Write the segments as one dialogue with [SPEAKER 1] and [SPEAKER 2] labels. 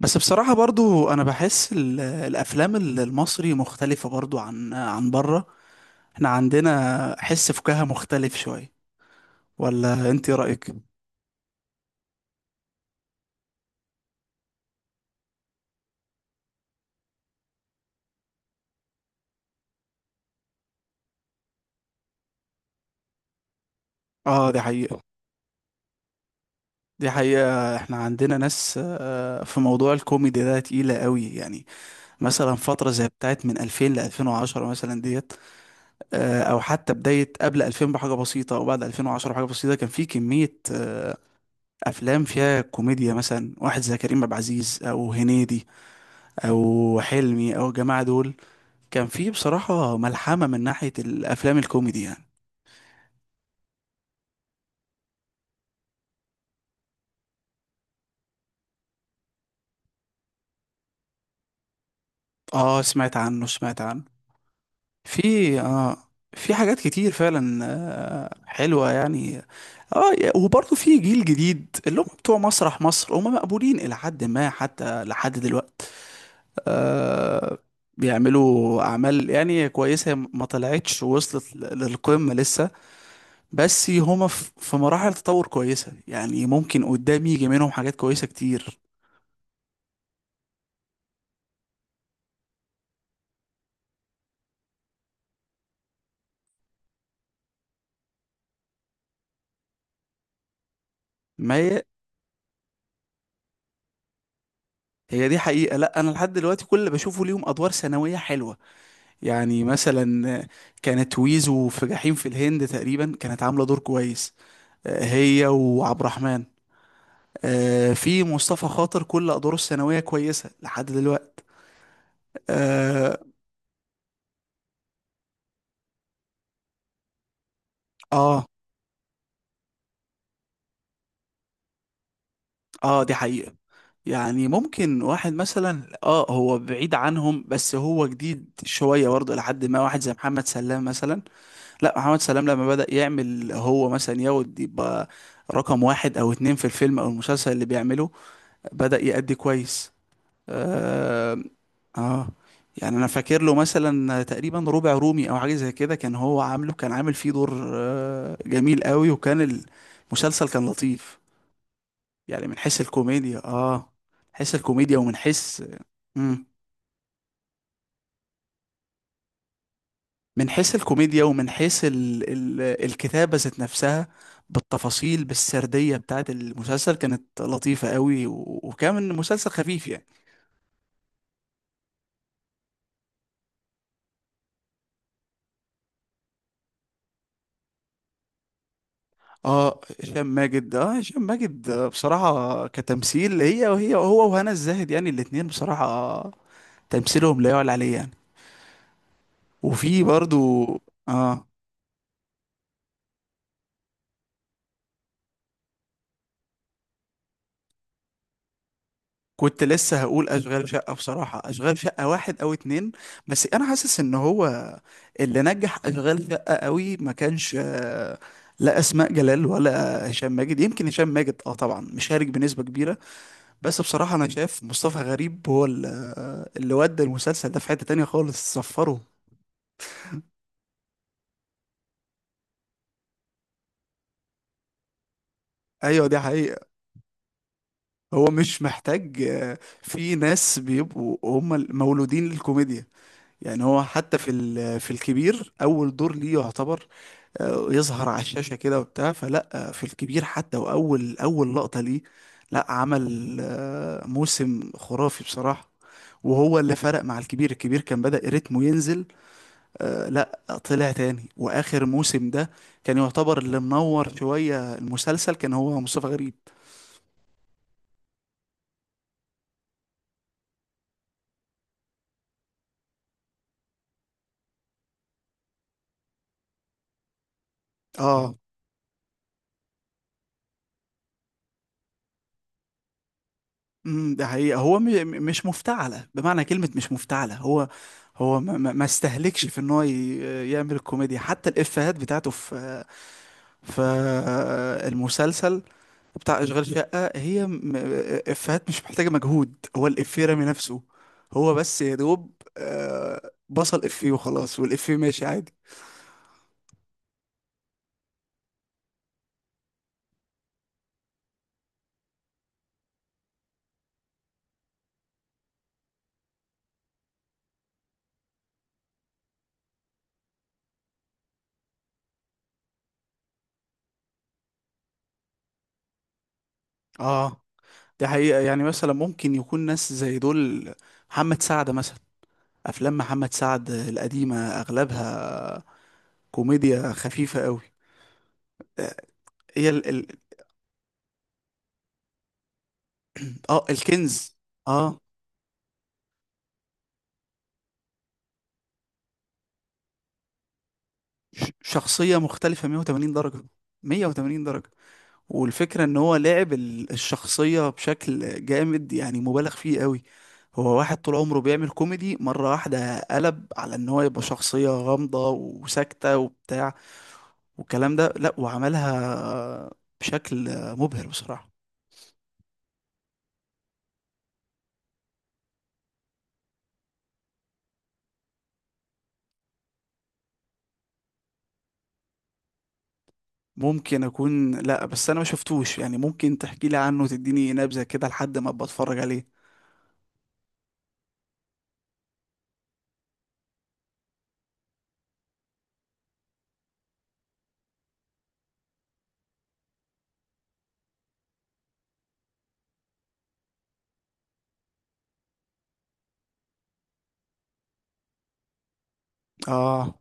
[SPEAKER 1] بس بصراحة برضو أنا بحس الأفلام المصري مختلفة برضو عن بره. احنا عندنا حس فكاهة مختلف شوية، ولا أنت إيه رأيك؟ آه، دي حقيقة. دي حقيقة، احنا عندنا ناس في موضوع الكوميدي ده تقيلة قوي يعني. مثلا فترة زي بتاعت من 2000 ل 2010 مثلا ديت، أو حتى بداية قبل 2000 بحاجة بسيطة أو بعد 2010 بحاجة بسيطة، كان في كمية أفلام فيها كوميديا، مثلا واحد زي كريم عبد العزيز أو هنيدي او حلمي او الجماعه دول. كان في بصراحه ملحمه من ناحيه الافلام الكوميدي يعني. اه، سمعت عنه، سمعت عنه. في في حاجات كتير فعلا، حلوه يعني. اه، وبرضه في جيل جديد اللي هم بتوع مسرح مصر، هم مقبولين الى حد ما حتى لحد دلوقتي. آه، بيعملوا اعمال يعني كويسه، ما طلعتش وصلت للقمه لسه. بس هما في مراحل تطور كويسة، يعني ممكن قدام يجي منهم حاجات كويسة كتير. ما هي، هي دي حقيقة. لا، أنا لحد دلوقتي كل اللي بشوفه ليهم أدوار ثانوية حلوة. يعني مثلا كانت ويزو في جحيم في الهند تقريبا كانت عاملة دور كويس، آه، هي وعبد الرحمن. آه، في مصطفى خاطر كل أدواره الثانوية كويسة لحد دلوقتي. اه. اه، دي حقيقة. يعني ممكن واحد مثلا، اه، هو بعيد عنهم بس هو جديد شوية برضه، لحد ما واحد زي محمد سلام مثلا. لا، محمد سلام لما بدأ يعمل هو مثلا ياخد يبقى رقم واحد او اتنين في الفيلم او المسلسل اللي بيعمله، بدأ يأدي كويس. آه, اه، يعني انا فاكر له مثلا تقريبا ربع رومي او حاجة زي كده، كان هو عامل فيه دور آه جميل قوي، وكان المسلسل كان لطيف يعني، من حيث الكوميديا. اه، حيث الكوميديا ومن حيث. مم. من حيث الكوميديا ومن حيث ال الكتابة ذات نفسها، بالتفاصيل بالسردية بتاعت المسلسل، كانت لطيفة قوي، وكان مسلسل خفيف يعني. اه، هشام ماجد، اه، هشام ماجد، آه، بصراحة كتمثيل، هي وهي هو وهنا الزاهد، يعني الاتنين بصراحة تمثيلهم لا يعلى عليه يعني. وفي برضو اه، كنت لسه هقول اشغال شقه، بصراحه اشغال شقه واحد او اتنين. بس انا حاسس ان هو اللي نجح اشغال شقه قوي ما كانش، لا اسماء جلال ولا هشام ماجد. يمكن هشام ماجد اه طبعا مشارك بنسبه كبيره، بس بصراحه انا شايف مصطفى غريب هو اللي ودى المسلسل ده في حته تانية خالص صفره. ايوه، دي حقيقه. هو مش محتاج، في ناس بيبقوا هم مولودين للكوميديا. يعني هو حتى في في الكبير اول دور ليه يعتبر، يظهر على الشاشة كده وبتاع، فلا آه، في الكبير حتى، أول لقطة ليه، لا، عمل موسم خرافي بصراحة. وهو اللي فرق مع الكبير. الكبير كان بدأ رتمه ينزل، آه، لا طلع تاني، وآخر موسم ده كان يعتبر اللي منور شوية المسلسل كان هو مصطفى غريب. اه. ده حقيقة. هو مش مفتعلة، بمعنى كلمة مش مفتعلة. هو هو ما استهلكش في ان هو يعمل الكوميديا. حتى الإفيهات بتاعته في فالمسلسل بتاع اشغال شقة، هي افيهات مش محتاجة مجهود، هو الافيه رامي نفسه. هو بس يا دوب، بصل افيه وخلاص، والافيه ماشي عادي. اه، دي حقيقة. يعني مثلا ممكن يكون ناس زي دول، محمد سعد مثلا، افلام محمد سعد القديمة اغلبها كوميديا خفيفة قوي، آه. هي ال ال اه، الكنز. اه، شخصية مختلفة 180 درجة، 180 درجة. والفكرة ان هو لاعب الشخصية بشكل جامد يعني، مبالغ فيه قوي. هو واحد طول عمره بيعمل كوميدي، مرة واحدة قلب على ان هو يبقى شخصية غامضة وساكتة وبتاع والكلام ده، لا، وعملها بشكل مبهر بصراحة. ممكن اكون، لا، بس انا ما شفتوش يعني. ممكن تحكي لي عنه وتديني نبذة كده لحد ما ابقى اتفرج عليه. اه،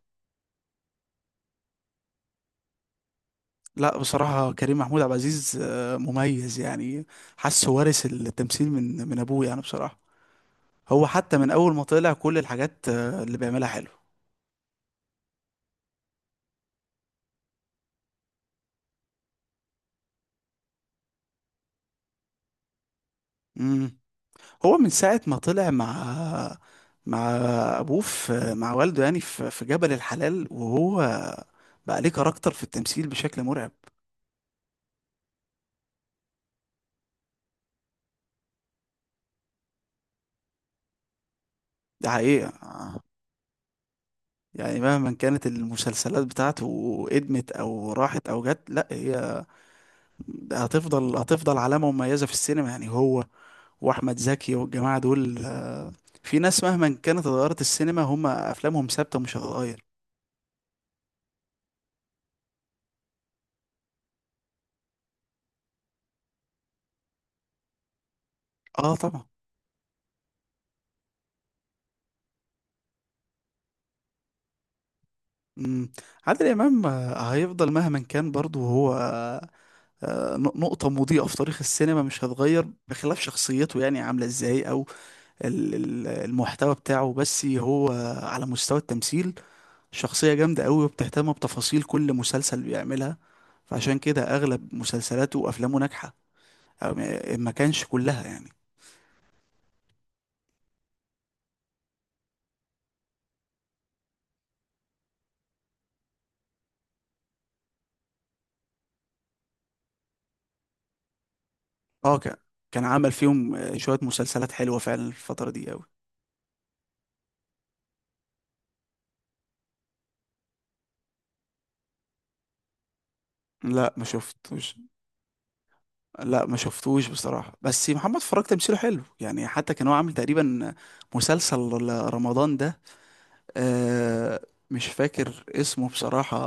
[SPEAKER 1] لا، بصراحة كريم محمود عبد العزيز، آه، مميز يعني. حاسه وارث التمثيل من ابوه يعني بصراحة. هو حتى من اول ما طلع، كل الحاجات اللي بيعملها حلو. امم هو من ساعة ما طلع مع ابوه، في مع والده يعني، في جبل الحلال، وهو بقى ليه كاركتر في التمثيل بشكل مرعب. ده حقيقة. يعني مهما كانت المسلسلات بتاعته ادمت او راحت او جت، لا، هي هتفضل علامة مميزة في السينما يعني. هو واحمد زكي والجماعة دول، في ناس مهما كانت اتغيرت السينما، هم افلامهم ثابتة مش هتتغير. اه طبعا. مم. عادل إمام، هيفضل مهما كان برضو هو، نقطة مضيئة في تاريخ السينما مش هتغير. بخلاف شخصيته يعني عاملة ازاي أو المحتوى بتاعه، بس هو على مستوى التمثيل شخصية جامدة أوي، وبتهتم بتفاصيل كل مسلسل بيعملها، فعشان كده أغلب مسلسلاته وأفلامه ناجحة، أو ما كانش كلها يعني. اه، كان عمل فيهم شوية مسلسلات حلوة فعلا الفترة دي أوي. لا، ما شفتش. لا، ما شفتوش بصراحة، بس محمد فراج تمثيله حلو يعني. حتى كان هو عامل تقريبا مسلسل رمضان ده، آه، مش فاكر اسمه بصراحة،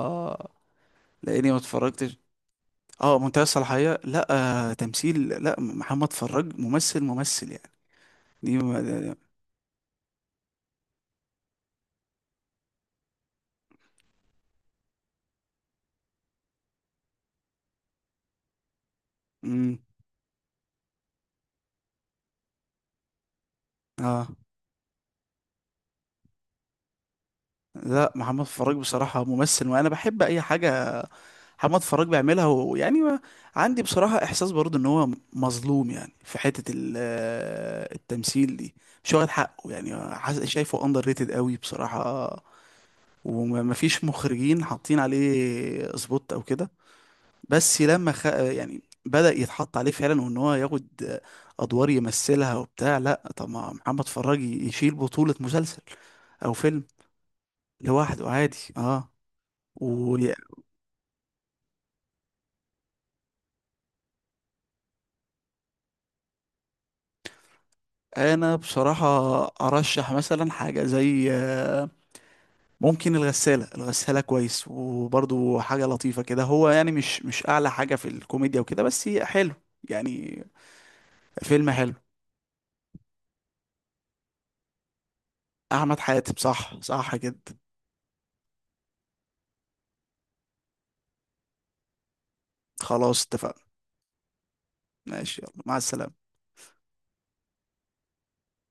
[SPEAKER 1] لأني ما اتفرجتش. اه، منتهى الصلاحية، لا. آه، تمثيل، لا، محمد فراج ممثل ممثل يعني. دي ما- مم، اه، لا، محمد فراج بصراحة ممثل، وأنا بحب أي حاجة محمد فراج بيعملها، ويعني ما عندي بصراحة إحساس برضه إن هو مظلوم يعني في حتة التمثيل دي. مش واخد حقه يعني، شايفه أندر ريتد قوي بصراحة. ومفيش مخرجين حاطين عليه سبوت أو كده. بس لما خ... آه، يعني بدأ يتحط عليه فعلا، وإن هو ياخد أدوار يمثلها وبتاع. لأ، طب ما محمد فراج يشيل بطولة مسلسل أو فيلم لوحده عادي. اه. و... انا بصراحة ارشح مثلا حاجة زي ممكن الغسالة. الغسالة كويس وبرضو حاجة لطيفة كده، هو يعني مش اعلى حاجة في الكوميديا وكده، بس هي حلو يعني، فيلم حلو. احمد حاتم، صح، صح جدا. خلاص، اتفقنا، ماشي، يلا، مع السلامة.